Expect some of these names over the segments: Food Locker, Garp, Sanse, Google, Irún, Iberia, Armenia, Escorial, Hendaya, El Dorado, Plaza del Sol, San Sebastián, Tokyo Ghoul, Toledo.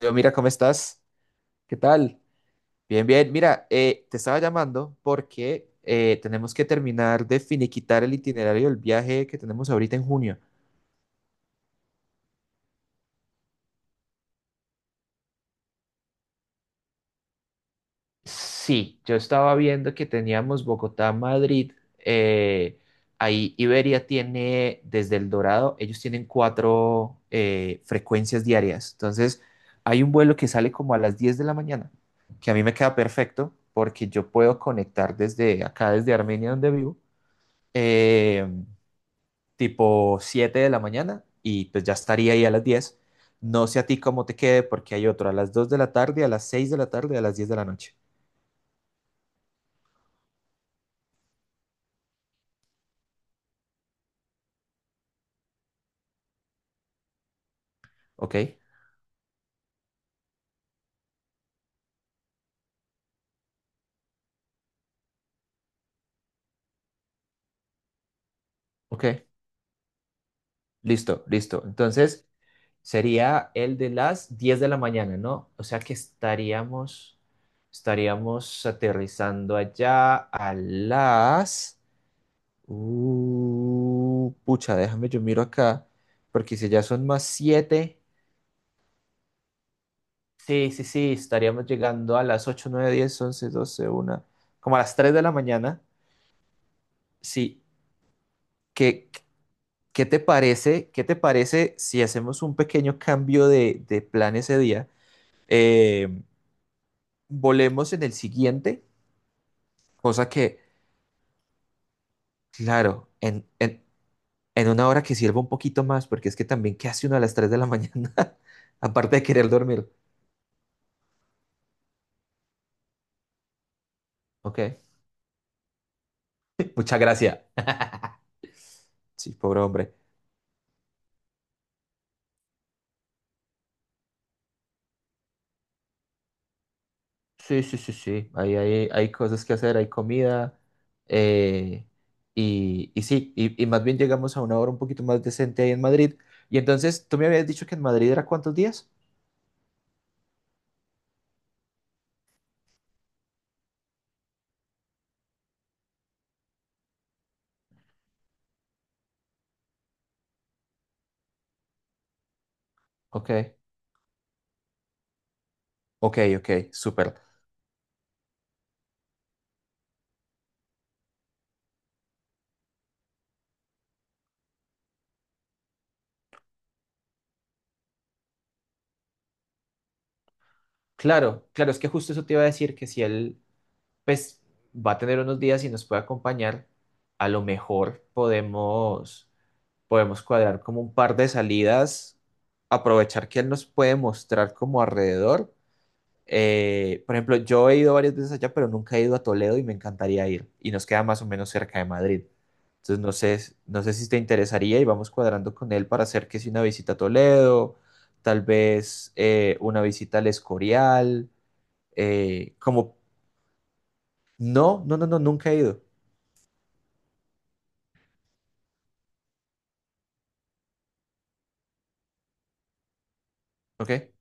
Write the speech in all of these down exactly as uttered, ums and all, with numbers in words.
Yo, mira, ¿cómo estás? ¿Qué tal? Bien, bien. Mira, eh, te estaba llamando porque eh, tenemos que terminar de finiquitar el itinerario del viaje que tenemos ahorita en junio. Sí, yo estaba viendo que teníamos Bogotá, Madrid. eh, Ahí Iberia tiene, desde El Dorado, ellos tienen cuatro eh, frecuencias diarias. Entonces, hay un vuelo que sale como a las diez de la mañana, que a mí me queda perfecto porque yo puedo conectar desde acá, desde Armenia, donde vivo. eh, Tipo siete de la mañana y pues ya estaría ahí a las diez. No sé a ti cómo te quede porque hay otro a las dos de la tarde, a las seis de la tarde, a las diez de la noche. ¿Ok? Ok. Listo, listo. Entonces sería el de las diez de la mañana, ¿no? O sea que estaríamos, estaríamos aterrizando allá a las... Uh, pucha, déjame yo miro acá porque si ya son más siete. Sí, sí, sí, estaríamos llegando a las ocho, nueve, diez, once, doce, una, como a las tres de la mañana. Sí, ¿qué, qué te parece, qué te parece si hacemos un pequeño cambio de, de plan ese día? Eh, Volemos en el siguiente, cosa que, claro, en, en, en una hora que sirva un poquito más, porque es que también, ¿qué hace uno a las tres de la mañana? Aparte de querer dormir. Ok, muchas gracias. Sí, pobre hombre. Sí, sí, sí, sí. Ahí hay, hay cosas que hacer, hay comida. eh, y, y sí, y, y más bien llegamos a una hora un poquito más decente ahí en Madrid. Y entonces, tú me habías dicho que en Madrid era ¿cuántos días? Ok, ok, ok, súper. Claro, claro, es que justo eso te iba a decir que si él, pues, va a tener unos días y nos puede acompañar, a lo mejor podemos, podemos cuadrar como un par de salidas, aprovechar que él nos puede mostrar como alrededor. Eh, por ejemplo, yo he ido varias veces allá, pero nunca he ido a Toledo y me encantaría ir. Y nos queda más o menos cerca de Madrid. Entonces, no sé, no sé si te interesaría y vamos cuadrando con él para hacer que si una visita a Toledo, tal vez eh, una visita al Escorial. Eh, como, no, no, no, no, nunca he ido. Ok,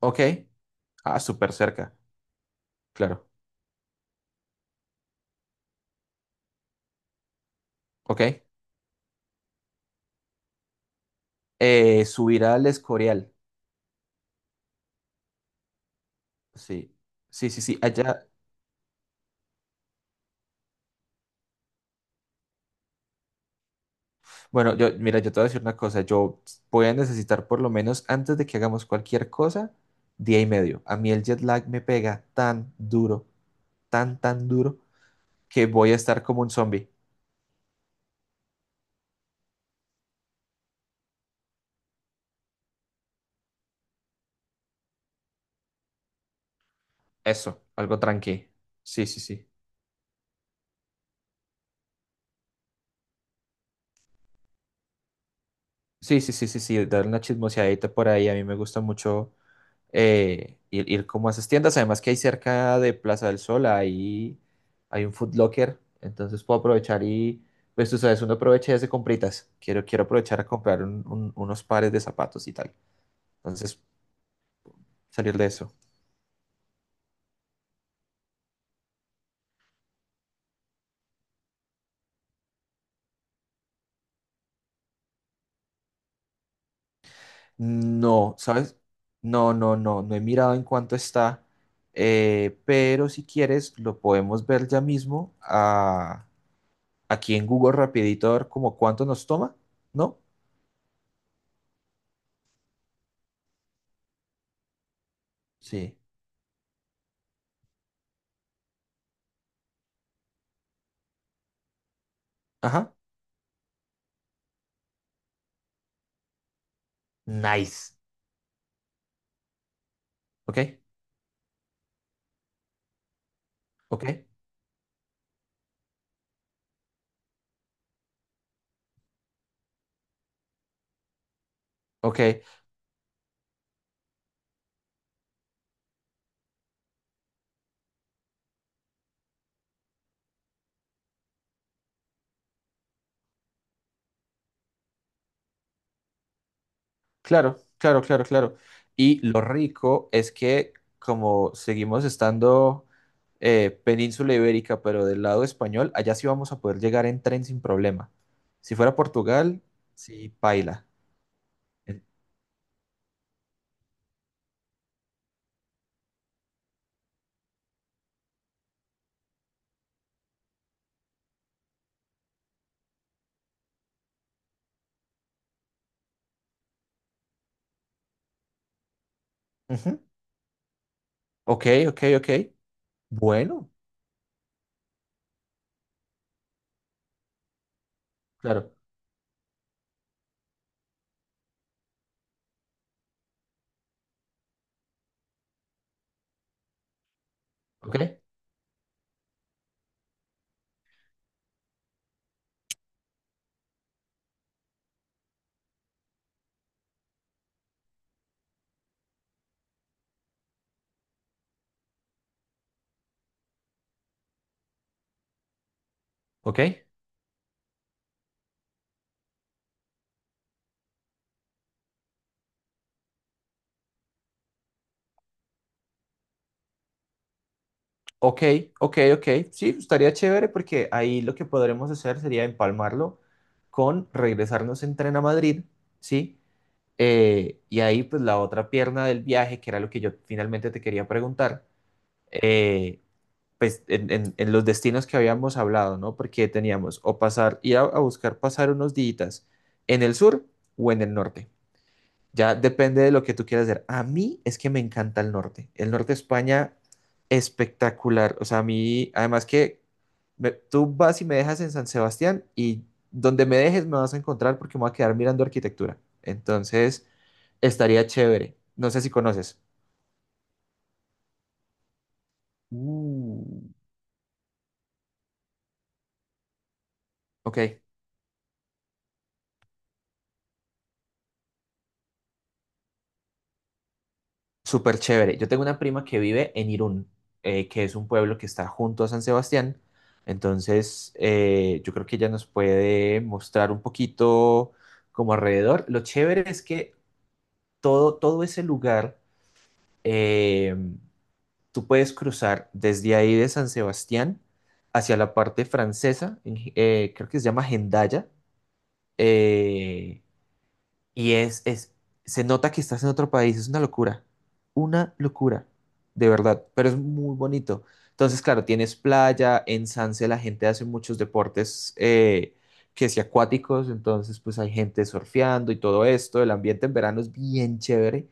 ok. Ah, súper cerca, claro. Ok. Eh, subir al Escorial. Sí, sí, sí, sí. Allá, bueno, yo, mira, yo te voy a decir una cosa, yo voy a necesitar por lo menos antes de que hagamos cualquier cosa, día y medio. A mí el jet lag me pega tan duro, tan, tan duro, que voy a estar como un zombie. Eso, algo tranqui. Sí, sí, sí. Sí, sí, sí, sí, sí, dar una chismoseadita por ahí. A mí me gusta mucho eh, ir, ir como a esas tiendas. Además que hay cerca de Plaza del Sol, hay, hay un food Locker, entonces puedo aprovechar y, pues tú sabes, uno aprovecha y hace compritas. Quiero, quiero aprovechar a comprar un- un- unos pares de zapatos y tal. Entonces, salir de eso. No, ¿sabes? No, no, no, no he mirado en cuánto está, eh, pero si quieres lo podemos ver ya mismo a- aquí en Google rapidito a ver como cuánto nos toma, ¿no? Sí. Ajá. Nice. ¿Ok? Ok, ok, claro, claro, claro, claro. Y lo rico es que como seguimos estando eh, península ibérica, pero del lado español, allá sí vamos a poder llegar en tren sin problema. Si fuera Portugal, sí, paila. En- Ujú. Ok, ok, ok. Bueno, claro. Ok, ok, ok, ok, ok. Sí, estaría chévere porque ahí lo que podremos hacer sería empalmarlo con regresarnos en tren a Madrid, ¿sí? Eh, y ahí, pues la otra pierna del viaje, que era lo que yo finalmente te quería preguntar, eh, pues en, en- en los destinos que habíamos hablado, ¿no? Porque teníamos o pasar, ir a, a buscar pasar unos días en el sur o en el norte. Ya depende de lo que tú quieras hacer. A mí es que me encanta el norte. El norte de España, espectacular. O sea, a mí, además que me- tú vas y me dejas en San Sebastián y donde me dejes me vas a encontrar porque me voy a quedar mirando arquitectura. Entonces, estaría chévere. No sé si conoces. Mm. Ok. Súper chévere. Yo tengo una prima que vive en Irún, eh, que es un pueblo que está junto a San Sebastián. Entonces, eh, yo creo que ella nos puede mostrar un poquito como alrededor. Lo chévere es que todo, todo ese lugar, eh, tú puedes cruzar desde ahí de San Sebastián hacia la parte francesa, en- eh, creo que se llama Hendaya. eh, y es, es, se nota que estás en otro país, es una locura, una locura, de verdad, pero es muy bonito. Entonces, claro, tienes playa, en Sanse la gente hace muchos deportes eh, que si acuáticos, entonces pues hay gente surfeando y todo esto, el ambiente en verano es bien chévere.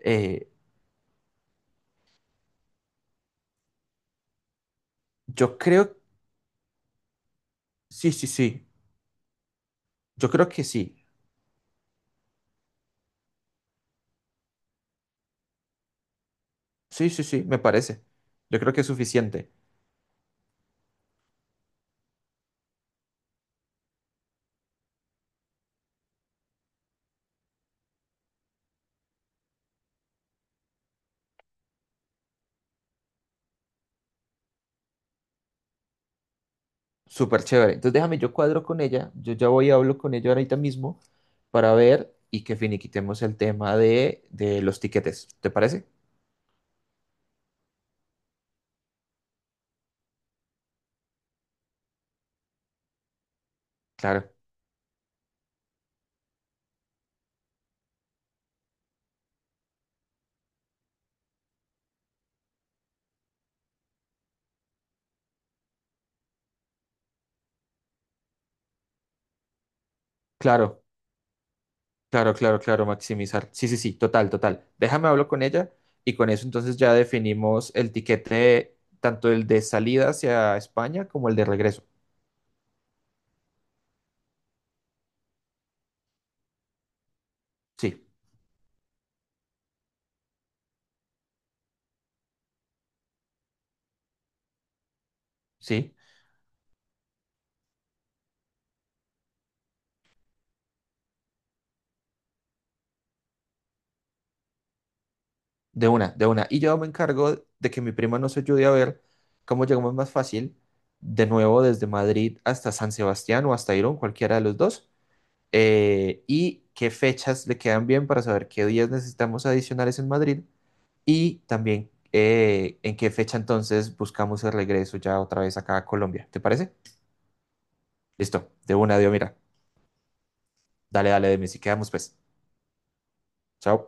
Eh, yo creo, sí, sí, sí, yo creo que sí, sí, sí, sí, me parece. Yo creo que es suficiente. Súper chévere. Entonces déjame, yo cuadro con ella, yo ya voy y hablo con ella ahorita mismo para ver y que finiquitemos el tema de, de los tiquetes. ¿Te parece? Claro, claro, claro, claro, claro, maximizar. Sí, sí, sí, total, total. Déjame hablo con ella y con eso entonces ya definimos el tiquete, tanto el de salida hacia España como el de regreso. Sí, sí. De una, de una. Y yo me encargo de que mi prima nos ayude a ver cómo llegamos más fácil, de nuevo desde Madrid hasta San Sebastián o hasta Irún, cualquiera de los dos, eh, y qué fechas le quedan bien para saber qué días necesitamos adicionales en Madrid y también eh, en qué fecha entonces buscamos el regreso ya otra vez acá a Colombia. ¿Te parece? Listo, de una, Dios, mira. Dale, dale, de mí, si quedamos pues. Chao.